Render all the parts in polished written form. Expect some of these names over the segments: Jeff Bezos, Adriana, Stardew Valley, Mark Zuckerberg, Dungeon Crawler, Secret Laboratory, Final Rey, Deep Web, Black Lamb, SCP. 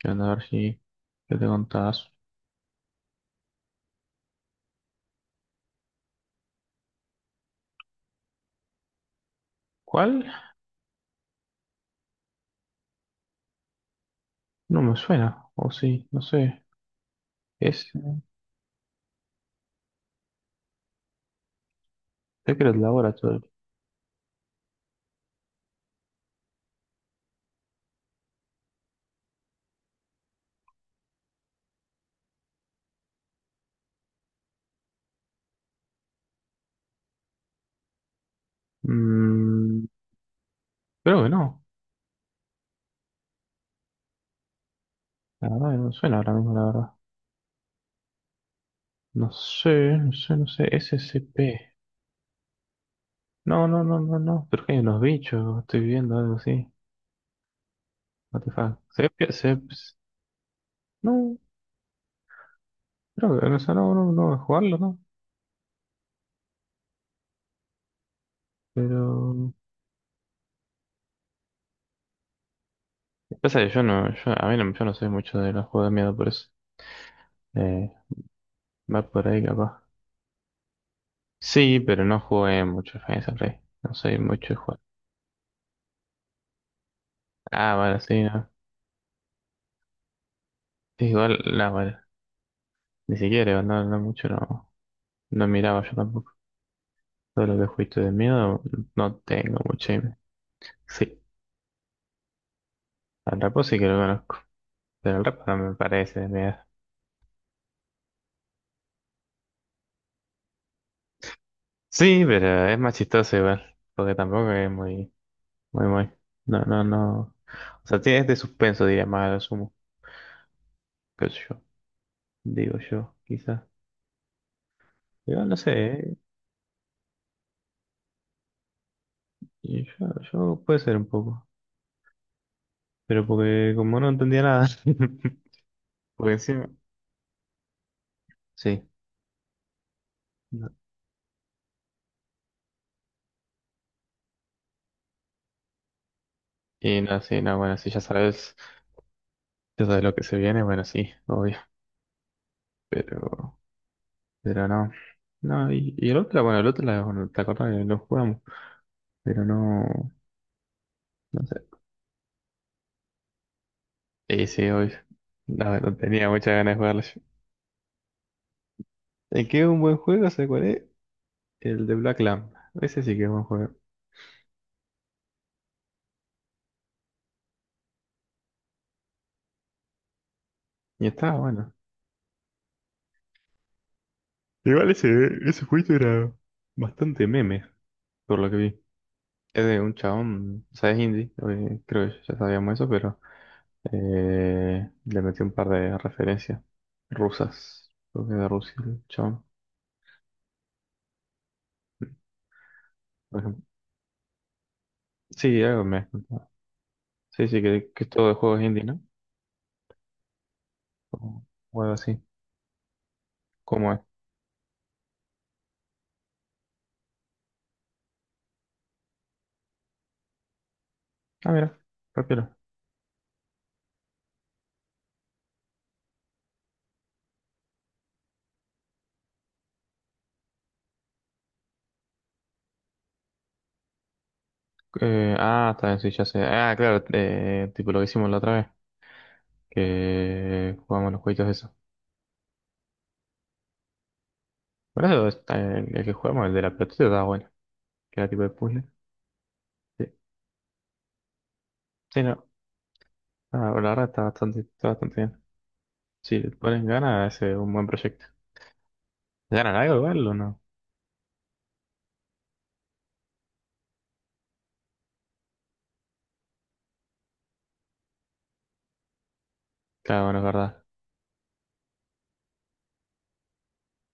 Que anda a ver si ¿qué te contás? ¿Cuál? No me suena. O sí, no sé. Es Secret Laboratory. Mm, creo que no. La verdad que no me suena ahora mismo, la verdad. No sé, no sé, no sé. S C P No, no, no, no, no. Pero que hay unos bichos. Estoy viendo algo así. What the fuck. Se, ve- se- no, creo que o sea, no, no, no voy a jugarlo, ¿no? Pero... Pasa que yo no, yo, a mí no, yo no sé mucho de los juegos de miedo, por eso. Eh, va por ahí capaz. Sí, pero no jugué mucho Final Rey. No soy mucho de jugar. Ah, vale, sí, no. Sí, igual, la vale. Ni siquiera, no, no mucho, no, no miraba yo tampoco. Todo lo que juguito de miedo, no tengo mucho. Sí, al rapo sí que lo conozco. Pero el rapo no me parece de miedo. Sí, pero es más chistoso igual. Porque tampoco es muy, muy, muy. No, no, no. O sea, tiene este suspenso, diría más a lo sumo. Qué sé yo. Digo yo, quizás. Igual no sé, ¿eh? Y Yo, yo puede ser un poco. Pero porque como no entendía nada. Porque encima. Sí. No. Y no, sí, no, bueno, si ya sabes, ya sabes lo que se viene, bueno, sí, obvio. Pero, pero no. No, y el otro, bueno, el otro, la- bueno, te acordás que lo jugamos. Pero no, no sé. Sí, sí, obvio. No, no tenía muchas ganas de jugarlo yo. El que es un buen juego, ¿sabes cuál es? El de Black Lamb. Ese sí que es buen juego. Y estaba bueno. Igual ese, ese jueguito era bastante meme, por lo que vi. Es de un chabón, o sea, es indie, creo que ya sabíamos eso, pero le metí un par de referencias rusas, creo que de Rusia, el chabón, por ejemplo. Sí, algo me has contado. Sí, sí, que es todo de juegos indie, ¿no? O, o algo así. ¿Cómo es? Ah, mira, rápido. Ah, está bien, sí, ya sé. Ah, claro, tipo lo que hicimos la otra vez, que jugamos los jueguitos esos. Por eso está el que jugamos, el de la pelotita, estaba bueno, que era tipo de puzzle. Sí, sí, no. Ah, la verdad está bastante bien. Si le pones ganas, ese es un buen proyecto. ¿Ganan algo igual o no? Claro, bueno, es verdad.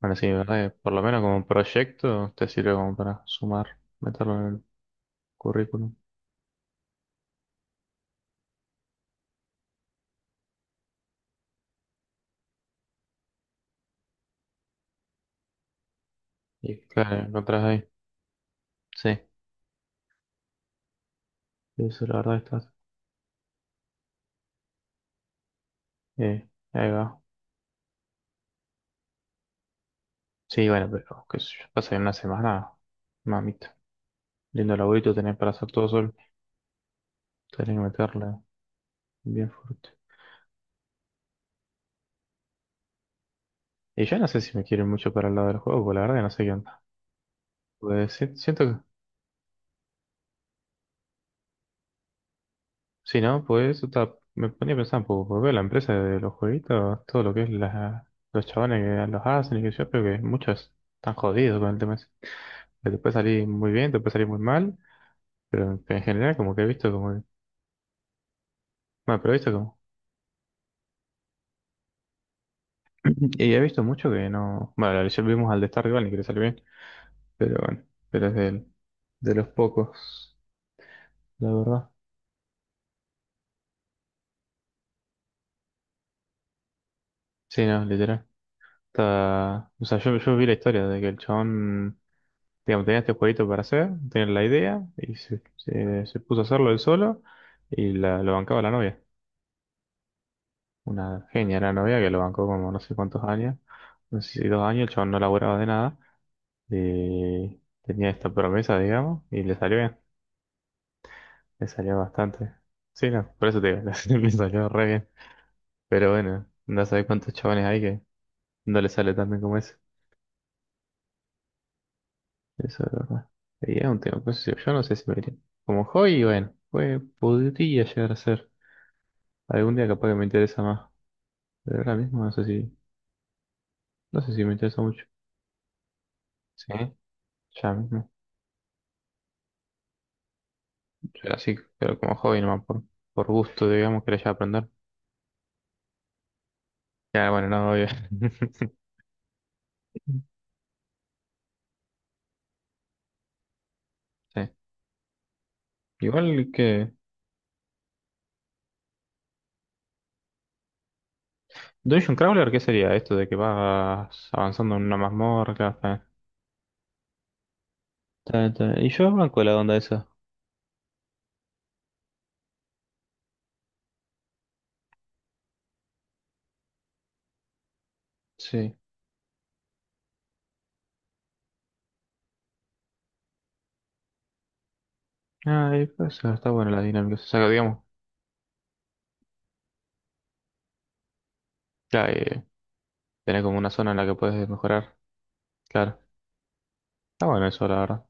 Bueno, sí, es verdad que por lo menos como un proyecto te sirve como para sumar, meterlo en el currículum. Y claro, encontrás ahí. Sí, eso la verdad está. Ahí va. Sí, bueno, pero qué sé yo, pasa en una semana, mamita. Lindo laburito tenés para hacer todo solo. Tenés que meterle bien fuerte. Y yo no sé si me quieren mucho para el lado del juego, porque la verdad que no sé qué onda. Pues si- siento que sí, ¿no? Pues o me ponía a pensar un poco, porque veo la empresa de los jueguitos, todo lo que es la, los chabones que los hacen y que yo creo que muchos están jodidos con el tema ese. Que te puede salir muy bien, te puede salir muy mal, pero en general como que he visto como... que- Bueno, pero he visto como... Y he visto mucho que no... Bueno, ayer vimos al de Stardew Valley que le salió bien, pero bueno, pero es del, de los pocos, la verdad. Sí, no, literal. Está... O sea, yo vi la historia de que el chabón... Digamos, tenía este jueguito para hacer, tenía la idea y se- se puso a hacerlo él solo y la, lo bancaba la novia. Una genia la novia que lo bancó como no sé cuántos años, no sé si dos años, el chabón no laburaba de nada. Tenía esta promesa, digamos, y le salió bien, le salió bastante. Sí, no, por eso te digo, le salió re bien. Pero bueno, no sabés cuántos chabones hay que no le sale tan bien como ese. Eso es verdad. Y es un tema, pues yo no sé si me iría. Como hobby, bueno, pues podría llegar a ser. Algún día capaz que me interesa más. Pero ahora mismo no sé si, no sé si me interesa mucho. Sí, ya mismo. Yo así, pero como hobby nomás, por gusto, digamos, quería ya aprender. Ya, bueno, no, obvio. Sí. Igual que. Dungeon Crawler, ¿qué sería esto de que vas avanzando en una mazmorra? Ta, ta, ta. Y yo banco la onda esa. Sí. Ah, y pues está buena la dinámica. O sea, que, digamos, claro, tenés como una zona en la que puedes mejorar. Claro. Está bueno eso, la verdad.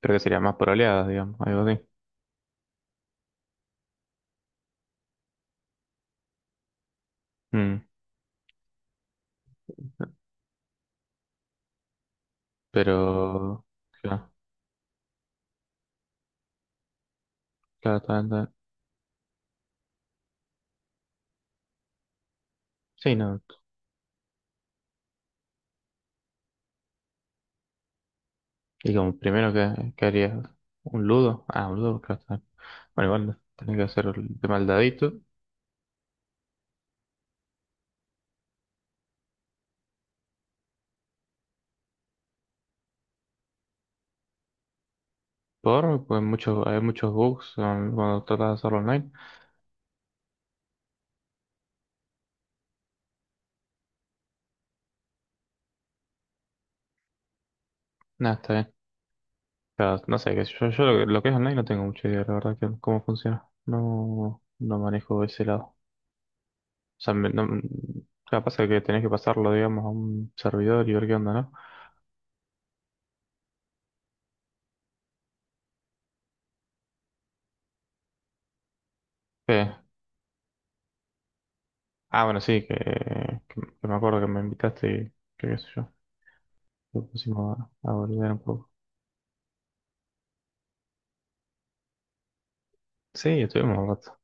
Creo que sería más por oleadas, digamos, algo así. Mm. Pero, claro, claro, tal, tal. Sí, no. Y como primero que haría un ludo. Ah, un ludo, claro, tal. Bueno, igual tenés que hacer el de maldadito. Por, pues muchos, hay muchos bugs cuando tratas de hacerlo online. Nada, está bien. Claro, no sé, qué sé yo, yo lo que es online no tengo mucha idea, la verdad, que cómo funciona. No, no manejo ese lado. O sea, me- no, claro, pasa que tenés que pasarlo, digamos, a un servidor y ver qué onda, ¿no? Eh, ah, bueno, sí, que me acuerdo que me invitaste y que qué sé yo. Lo pusimos a volver un poco. Sí, estuvimos un rato.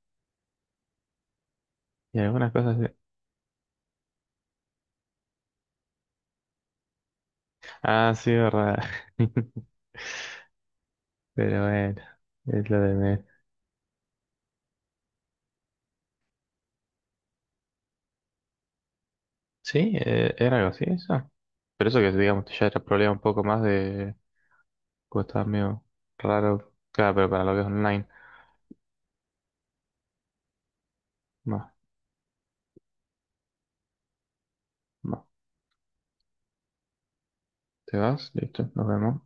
Y algunas cosas. De- Ah, sí, verdad. Pero bueno, es lo de menos. Sí, era algo así, eso. Pero eso que digamos ya era problema un poco más de. Pues estaba medio raro. Claro, pero para lo que es online. Más, más. ¿Te vas? Listo, nos vemos.